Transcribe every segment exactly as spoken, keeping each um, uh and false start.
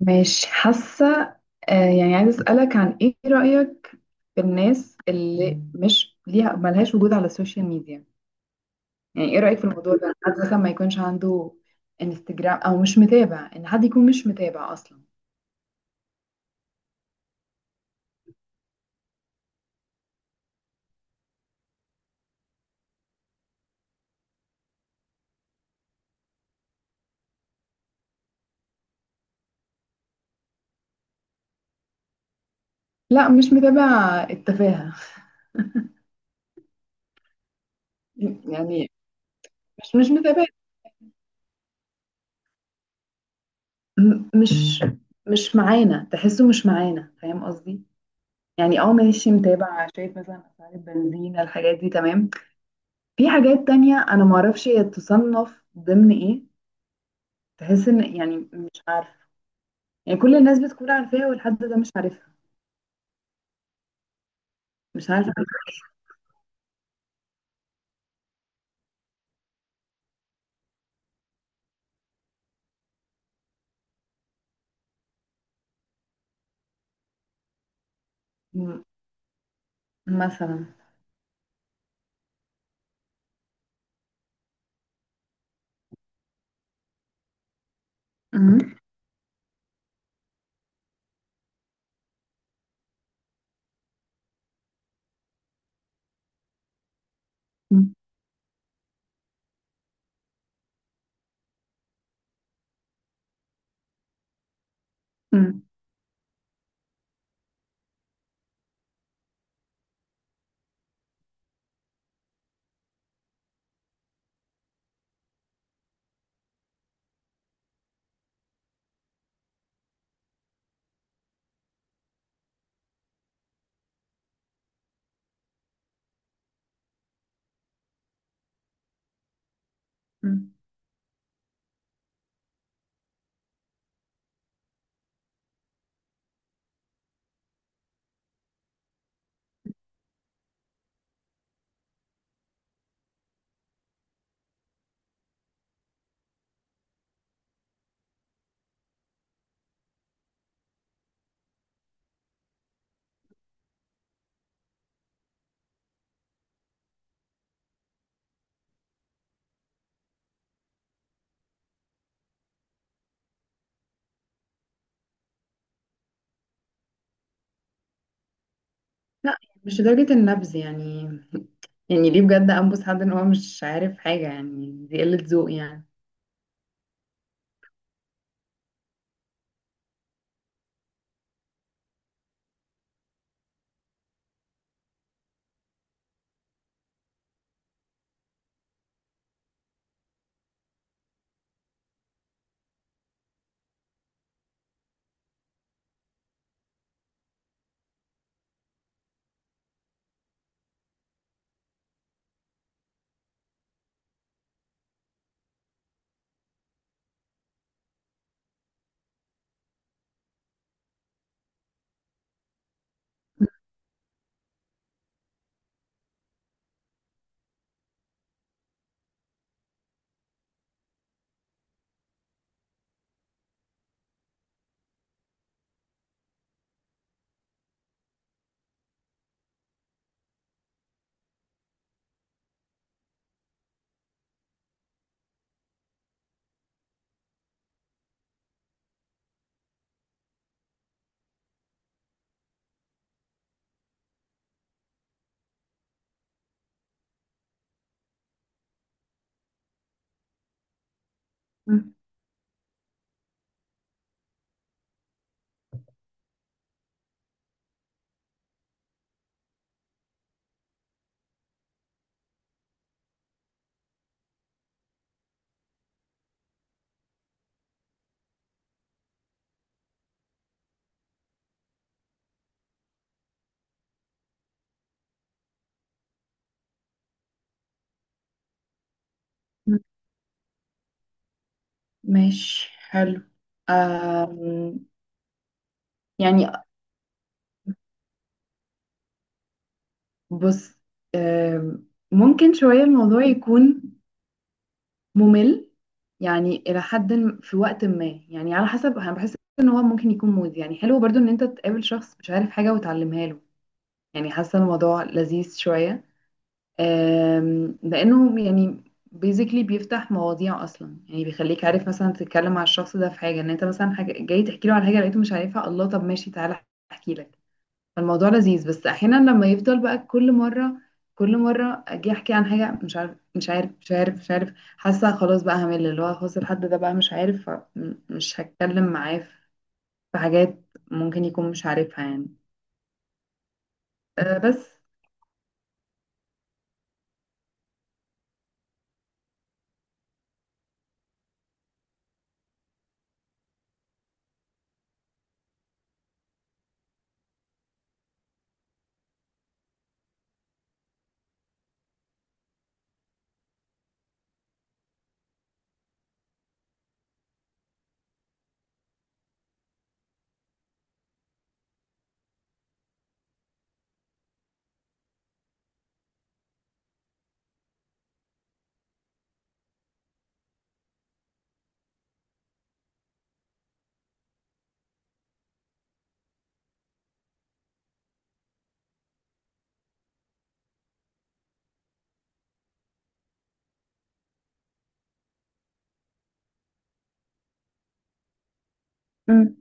مش حاسة. آه، يعني عايزة أسألك عن إيه رأيك في الناس اللي مش ليها ملهاش وجود على السوشيال ميديا. يعني إيه رأيك في الموضوع ده؟ حد مثلا ما يكونش عنده انستجرام، أو مش متابع. إن حد يكون مش متابع أصلا؟ لا، مش متابع التفاهة. يعني مش مش متابع. م- مش مش معانا، تحسه مش معانا، فاهم قصدي؟ يعني اه، ماشي متابع، شايف مثلا أسعار البنزين، الحاجات دي تمام. في حاجات تانية أنا معرفش هي تصنف ضمن إيه، تحس إن يعني مش عارفة، يعني كل الناس بتكون عارفاها والحد ده مش عارفها. مش عارفة. م- مثلا. م- م- م- م. لا، مش لدرجة النبذ يعني يعني ليه بجد أنبس حد إن هو مش عارف حاجة؟ يعني دي قلة ذوق يعني. م- م. ماشي، حلو. آم، يعني بص، آم، ممكن شوية الموضوع يكون ممل، يعني الى حد م- في وقت ما. يعني على حسب، انا بحس ان هو ممكن يكون مودي. يعني حلو برضو ان انت تقابل شخص مش عارف حاجه وتعلمها له، يعني حاسه الموضوع لذيذ شويه. آم، لانه يعني بيزيكلي بيفتح مواضيع اصلا، يعني بيخليك عارف مثلا تتكلم مع الشخص ده في حاجه. ان انت مثلا حاجه جاي تحكي له على حاجه لقيته مش عارفها، الله طب ماشي تعالى احكي لك. فالموضوع لذيذ. بس احيانا لما يفضل بقى كل مره كل مره اجي احكي عن حاجه مش عارف مش عارف مش عارف مش عارف، حاسه خلاص بقى همل. اللي هو خلاص الحد ده بقى مش عارف فمش هتكلم معاه. في حاجات ممكن يكون مش عارفها يعني. أه بس. مم.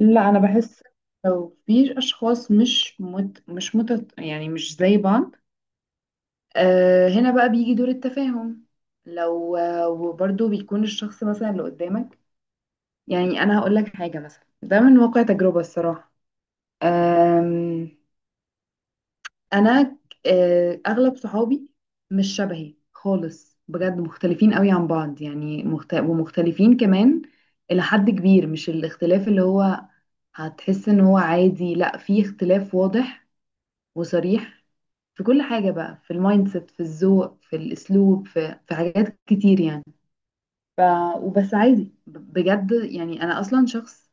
لا، انا بحس لو في اشخاص مش مت مش مت يعني مش زي بعض، أه، هنا بقى بيجي دور التفاهم. لو آه، وبرضه بيكون الشخص مثلا اللي قدامك. يعني انا هقول لك حاجه مثلا، ده من واقع تجربه الصراحه. أم، انا ك- أه، اغلب صحابي مش شبهي خالص بجد، مختلفين قوي عن بعض. يعني مخت... ومختلفين كمان الى حد كبير. مش الاختلاف اللي هو هتحس ان هو عادي، لا في اختلاف واضح وصريح في كل حاجه بقى، في المايند سيت، في الذوق، في الاسلوب، في في حاجات كتير يعني. ف... وبس عادي ب- بجد. يعني انا اصلا شخص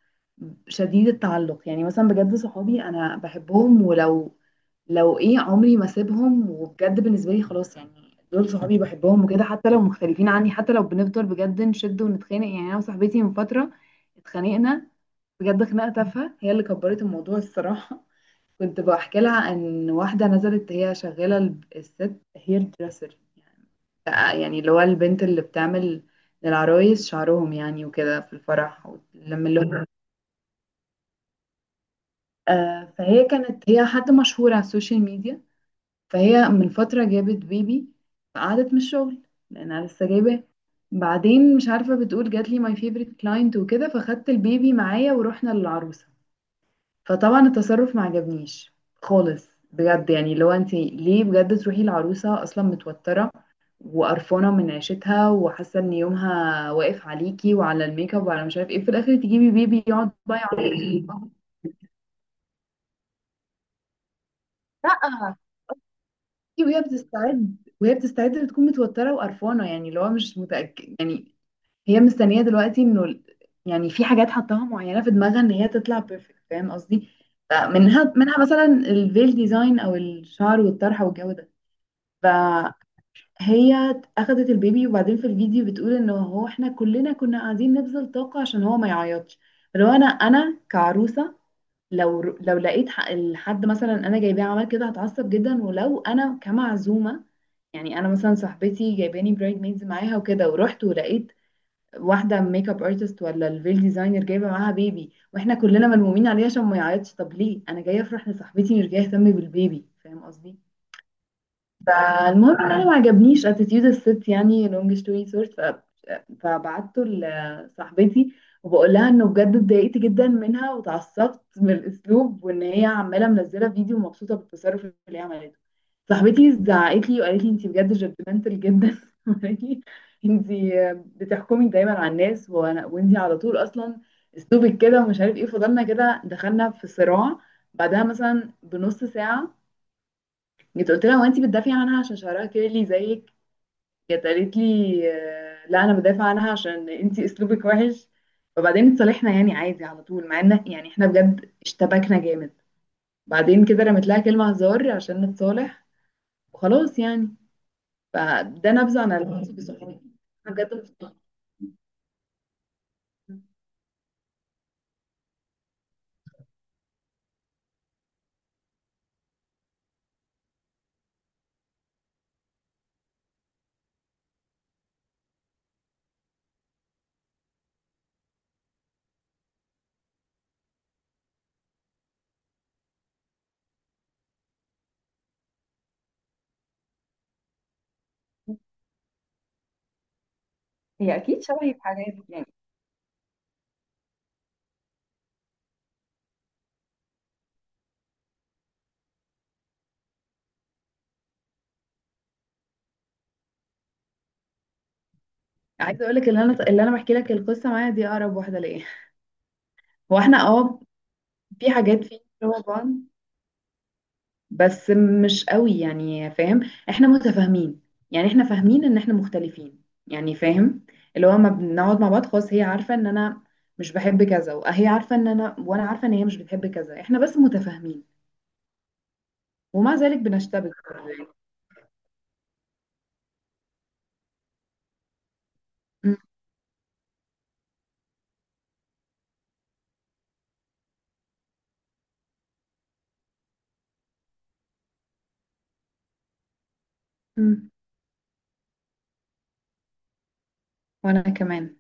شديد التعلق. يعني مثلا بجد صحابي انا بحبهم، ولو لو ايه عمري ما اسيبهم. وبجد بالنسبه لي خلاص. يعني دول صحابي بحبهم وكده، حتى لو مختلفين عني، حتى لو بنفضل بجد نشد ونتخانق. يعني انا وصاحبتي من فتره اتخانقنا بجد، خناقه تافهه هي اللي كبرت الموضوع الصراحه. كنت بحكي لها ان واحده نزلت، هي شغاله الب- الست هير دريسر، يعني اللي هو البنت اللي بتعمل للعرايس شعرهم يعني وكده في الفرح. لما اللي هو آه فهي كانت، هي حد مشهور على السوشيال ميديا. فهي من فترة جابت بيبي فقعدت من الشغل لأنها لسه جايباه. بعدين مش عارفة، بتقول جات لي ماي فيفرت كلاينت وكده فخدت البيبي معايا ورحنا للعروسة. فطبعا التصرف ما عجبنيش خالص بجد. يعني لو انت ليه بجد؟ تروحي العروسة اصلا متوترة وقرفانه من عيشتها، وحاسه ان يومها واقف عليكي وعلى الميك اب وعلى مش عارف ايه، في الاخر تجيبي بيبي يقعد بقى يعيط؟ لا. وهي بتستعد وهي بتستعد بتكون متوتره وقرفانه. يعني اللي هو مش متاكد يعني. هي مستنيه دلوقتي انه ال- يعني في حاجات حطاها معينه في دماغها ان هي تطلع بيرفكت، فاهم قصدي؟ فمنها منها مثلا الفيل ديزاين، او الشعر والطرحه والجو ده. هي اخدت البيبي. وبعدين في الفيديو بتقول ان هو احنا كلنا كنا قاعدين نبذل طاقة عشان هو ما يعيطش. لو انا انا كعروسة، لو لو لقيت ح- الحد مثلا انا جايباه عمل كده هتعصب جدا. ولو انا كمعزومة، يعني انا مثلا صاحبتي جايباني برايد ميدز معاها وكده ورحت ولقيت واحدة ميك اب ارتست ولا الفيل ديزاينر جايبة معاها بيبي، واحنا كلنا ملمومين عليها عشان ما يعيطش. طب ليه؟ انا جاية افرح لصاحبتي مش جاية اهتم بالبيبي، فاهم قصدي؟ فالمهم ان انا ما عجبنيش اتيتيود الست. يعني لونج ستوري شورت، ف... فبعته لصاحبتي وبقول لها انه بجد اتضايقت جدا منها واتعصبت من الاسلوب، وان هي عماله منزله فيديو مبسوطه بالتصرف اللي هي عملته. صاحبتي زعقت لي وقالت لي انت بجد جادجمنتال جدا. وقالت لي انت بتحكمي دايما على الناس، وانا وانت على طول اصلا اسلوبك كده ومش عارف ايه. فضلنا كده، دخلنا في صراع. بعدها مثلا بنص ساعه جيت قلت لها، هو انت بتدافعي عنها عشان شعرها كيرلي زيك؟ جت قالت لي آه، لا انا بدافع عنها عشان انت اسلوبك وحش. وبعدين اتصالحنا يعني عادي على طول، مع ان يعني احنا بجد اشتبكنا جامد. بعدين كده رميت لها كلمه هزار عشان نتصالح. وخلاص يعني. فده نبذه عن علاقتي بصحابي. أنا بجد مبسوطة. هي اكيد شبهي في حاجات يعني. عايزه اقول لك اللي انا اللي انا بحكي لك القصه معايا دي اقرب واحده ليا. هو احنا اه في حاجات فيه شبه بعض، بس مش قوي يعني، فاهم؟ احنا متفاهمين، يعني احنا فاهمين ان احنا مختلفين يعني، فاهم؟ اللي هو ما بنقعد مع بعض. خلاص هي عارفة ان انا مش بحب كذا، وهي عارفة ان انا، وانا عارفة ان هي مش بتحب كذا. احنا بس متفاهمين، ومع ذلك بنشتبك برضه يعني. م- م. وانا كمان.